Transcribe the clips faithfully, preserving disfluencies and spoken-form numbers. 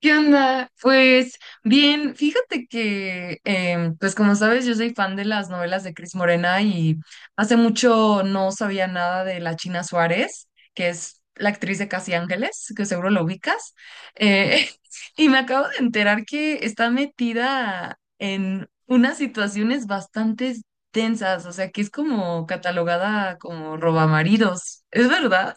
¿Qué onda? Pues bien, fíjate que, em, pues como sabes, yo soy fan de las novelas de Cris Morena y hace mucho no sabía nada de la China Suárez, que es la actriz de Casi Ángeles, que seguro lo ubicas. Eh, y me acabo de enterar que está metida en unas situaciones bastante tensas, o sea, que es como catalogada como robamaridos, ¿es verdad?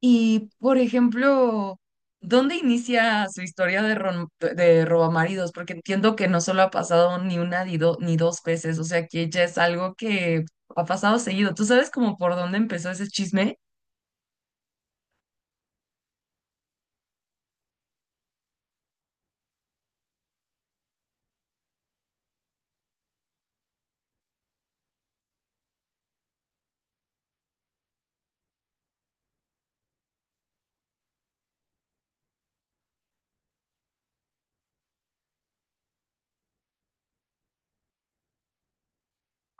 Y, por ejemplo, ¿dónde inicia su historia de, rom- de robamaridos? Porque entiendo que no solo ha pasado ni una ni, do- ni dos veces, o sea que ya es algo que ha pasado seguido. ¿Tú sabes como por dónde empezó ese chisme?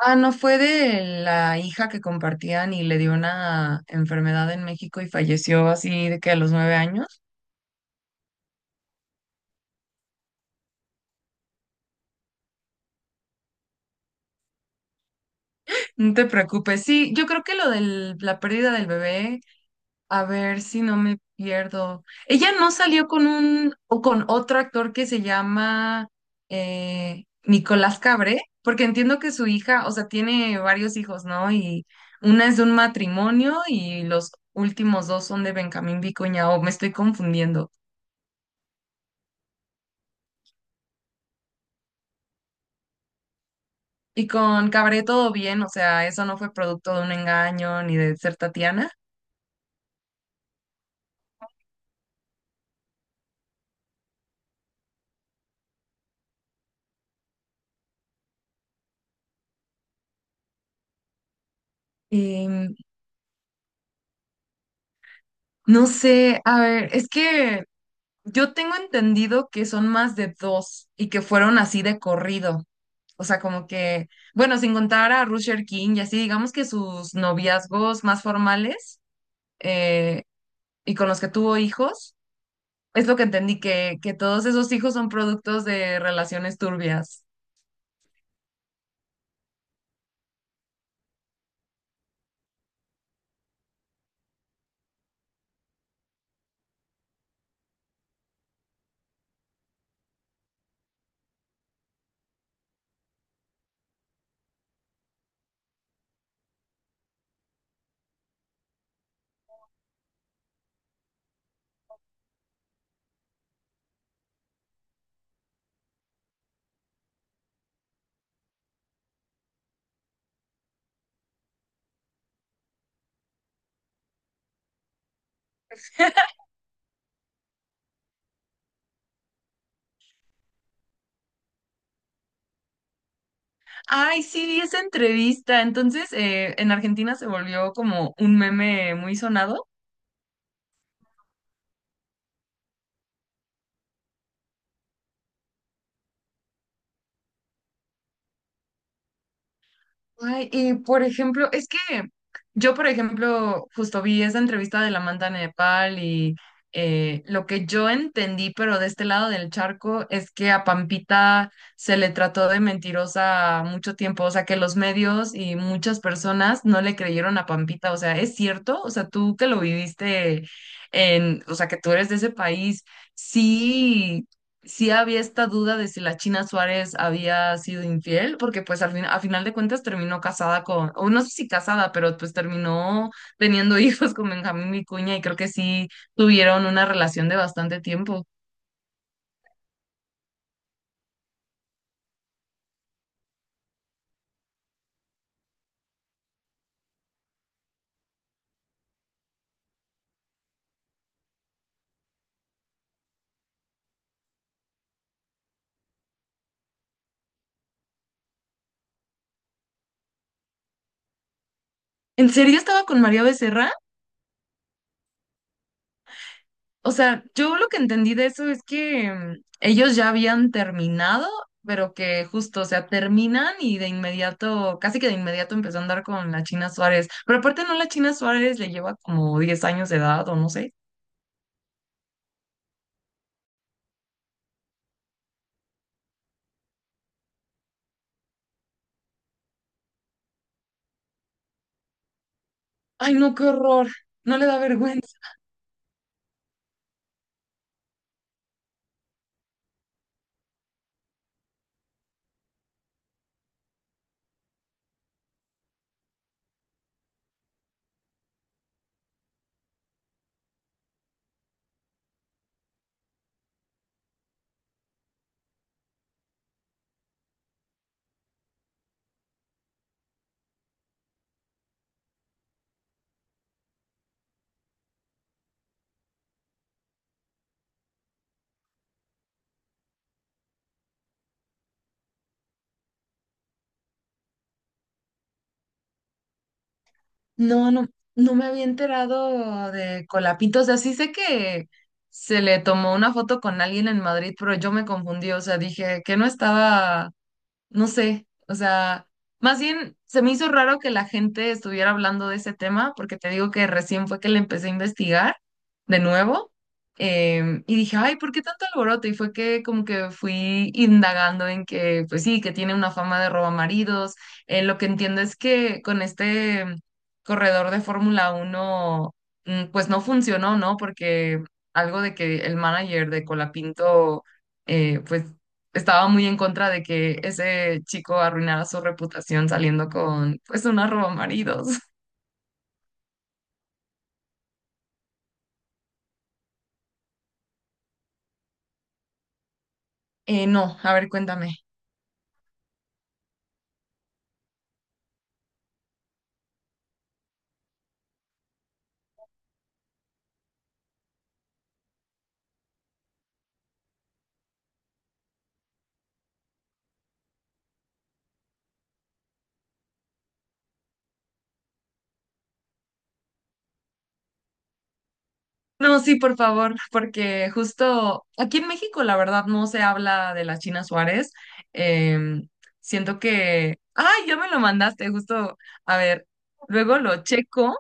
Ah, no, fue de la hija que compartían y le dio una enfermedad en México y falleció así de que a los nueve años. No te preocupes. Sí, yo creo que lo de la pérdida del bebé. A ver si no me pierdo. Ella no salió con un o con otro actor que se llama eh, Nicolás Cabré, porque entiendo que su hija, o sea, tiene varios hijos, ¿no? Y una es de un matrimonio y los últimos dos son de Benjamín Vicuña, o me estoy confundiendo. Y con Cabré todo bien, o sea, eso no fue producto de un engaño ni de ser Tatiana. Y no sé, a ver, es que yo tengo entendido que son más de dos y que fueron así de corrido. O sea, como que, bueno, sin contar a Rusher King y así, digamos que sus noviazgos más formales, eh, y con los que tuvo hijos, es lo que entendí, que, que todos esos hijos son productos de relaciones turbias. Ay, sí, vi esa entrevista. Entonces, eh, en Argentina se volvió como un meme muy sonado. Ay, y por ejemplo, es que yo, por ejemplo, justo vi esa entrevista de la Manta Nepal y, eh, lo que yo entendí, pero de este lado del charco, es que a Pampita se le trató de mentirosa mucho tiempo, o sea, que los medios y muchas personas no le creyeron a Pampita, o sea, ¿es cierto? O sea, tú que lo viviste en, o sea, que tú eres de ese país, sí, sí había esta duda de si la China Suárez había sido infiel, porque pues al fin, a final de cuentas terminó casada con, o no sé si casada, pero pues terminó teniendo hijos con Benjamín Vicuña y creo que sí tuvieron una relación de bastante tiempo. ¿En serio estaba con María Becerra? O sea, yo lo que entendí de eso es que, mm, ellos ya habían terminado, pero que justo, o sea, terminan y de inmediato, casi que de inmediato empezó a andar con la China Suárez. Pero aparte no, la China Suárez le lleva como diez años de edad o no sé. Ay, no, qué horror. No le da vergüenza. No, no, no me había enterado de Colapito. O sea, sí sé que se le tomó una foto con alguien en Madrid, pero yo me confundí. O sea, dije que no estaba, no sé, o sea, más bien se me hizo raro que la gente estuviera hablando de ese tema, porque te digo que recién fue que le empecé a investigar de nuevo, em, y dije, ay, ¿por qué tanto alboroto? Y fue que como que fui indagando en que, pues sí, que tiene una fama de robamaridos. Eh, lo que entiendo es que con este corredor de Fórmula uno, mm, pues no funcionó, ¿no? Porque algo de que el manager de Colapinto... eh, pues estaba muy en contra de que ese chico arruinara su reputación saliendo con, pues, una roba maridos. Eh, no, a ver, cuéntame. No, sí, por favor, porque justo aquí en México, la verdad, no se habla de la China Suárez. Em, siento que, ay, ya me lo mandaste, justo, a ver, luego lo checo,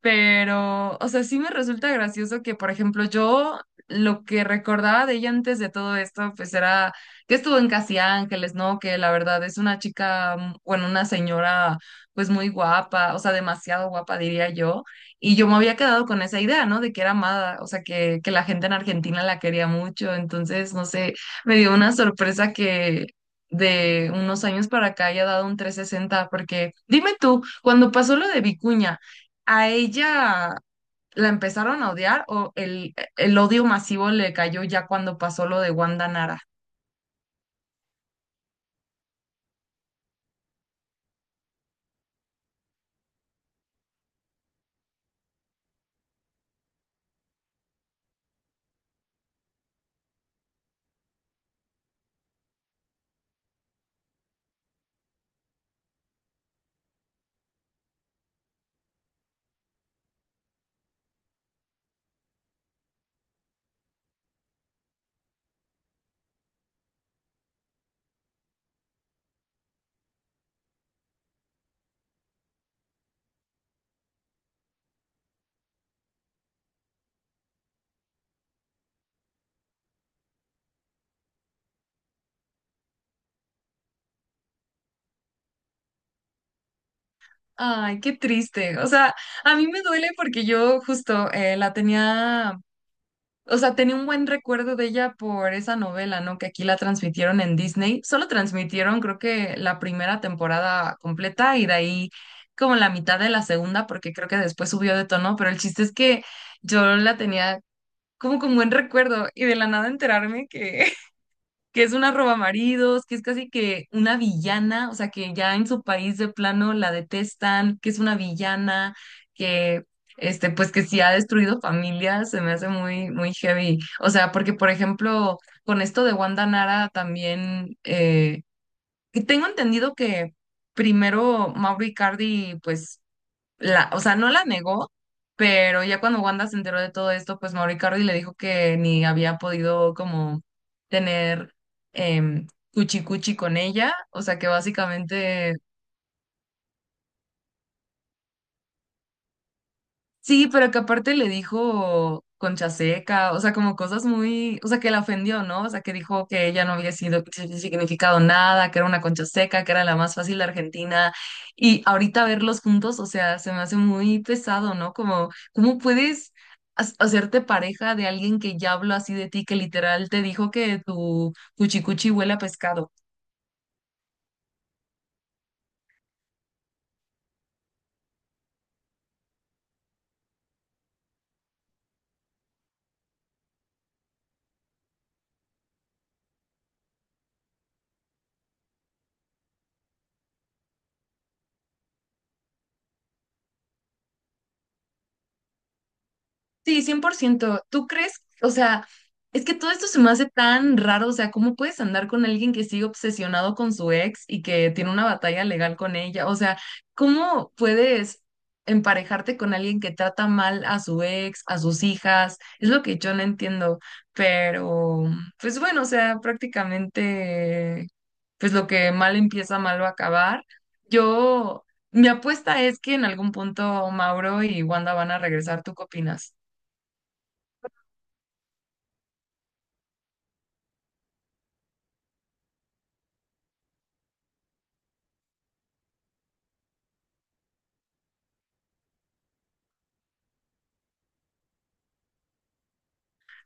pero, o sea, sí me resulta gracioso que, por ejemplo, yo lo que recordaba de ella antes de todo esto, pues era que estuvo en Casi Ángeles, ¿no? Que la verdad es una chica, mm, bueno, una señora, pues muy guapa, o sea, demasiado guapa, diría yo, y yo me había quedado con esa idea, ¿no? De que era amada, o sea, que, que la gente en Argentina la quería mucho. Entonces, no sé, me dio una sorpresa que de unos años para acá haya dado un trescientos sesenta, porque dime tú, cuando pasó lo de Vicuña, ¿a ella la empezaron a odiar o el, el odio masivo le cayó ya cuando pasó lo de Wanda Nara? Ay, qué triste. O sea, a mí me duele porque yo justo, eh, la tenía. O sea, tenía un buen recuerdo de ella por esa novela, ¿no? Que aquí la transmitieron en Disney. Solo transmitieron, creo que la primera temporada completa y de ahí como la mitad de la segunda, porque creo que después subió de tono, pero el chiste es que yo la tenía como con buen recuerdo y de la nada enterarme que que es una robamaridos, que es casi que una villana, o sea, que ya en su país de plano la detestan, que es una villana, que este, pues que si ha destruido familias, se me hace muy, muy heavy. O sea, porque por ejemplo, con esto de Wanda Nara también, eh, que tengo entendido que primero Mauro Icardi, pues la, o sea, no la negó, pero ya cuando Wanda se enteró de todo esto, pues Mauri Cardi le dijo que ni había podido como tener, em, cuchi cuchi con ella, o sea, que básicamente. Sí, pero que aparte le dijo concha seca, o sea, como cosas muy, o sea, que la ofendió, ¿no? O sea, que dijo que ella no había sido significado nada, que era una concha seca, que era la más fácil de Argentina. Y ahorita verlos juntos, o sea, se me hace muy pesado, ¿no? Como, ¿cómo puedes ha- hacerte pareja de alguien que ya habló así de ti, que literal te dijo que tu cuchicuchi huele a pescado? Sí, cien por ciento. ¿Tú crees? O sea, es que todo esto se me hace tan raro. O sea, ¿cómo puedes andar con alguien que sigue obsesionado con su ex y que tiene una batalla legal con ella? O sea, ¿cómo puedes emparejarte con alguien que trata mal a su ex, a sus hijas? Es lo que yo no entiendo. Pero, pues bueno, o sea, prácticamente, pues lo que mal empieza, mal va a acabar. Yo, mi apuesta es que en algún punto Mauro y Wanda van a regresar. ¿Tú qué opinas?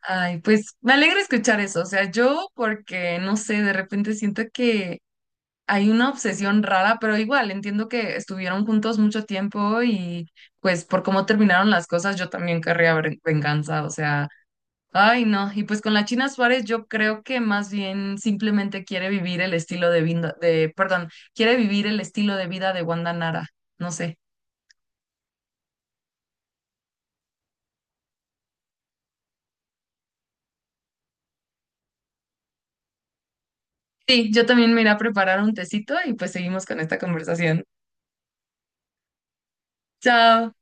Ay, pues me alegra escuchar eso. O sea, yo porque, no sé, de repente siento que hay una obsesión rara, pero igual entiendo que estuvieron juntos mucho tiempo y pues por cómo terminaron las cosas, yo también querría ver- venganza. O sea, ay, no. Y pues con la China Suárez yo creo que más bien simplemente quiere vivir el estilo de vida, de, perdón, quiere vivir el estilo de vida de Wanda Nara. No sé. Sí, yo también me iré a preparar un tecito y pues seguimos con esta conversación. Chao.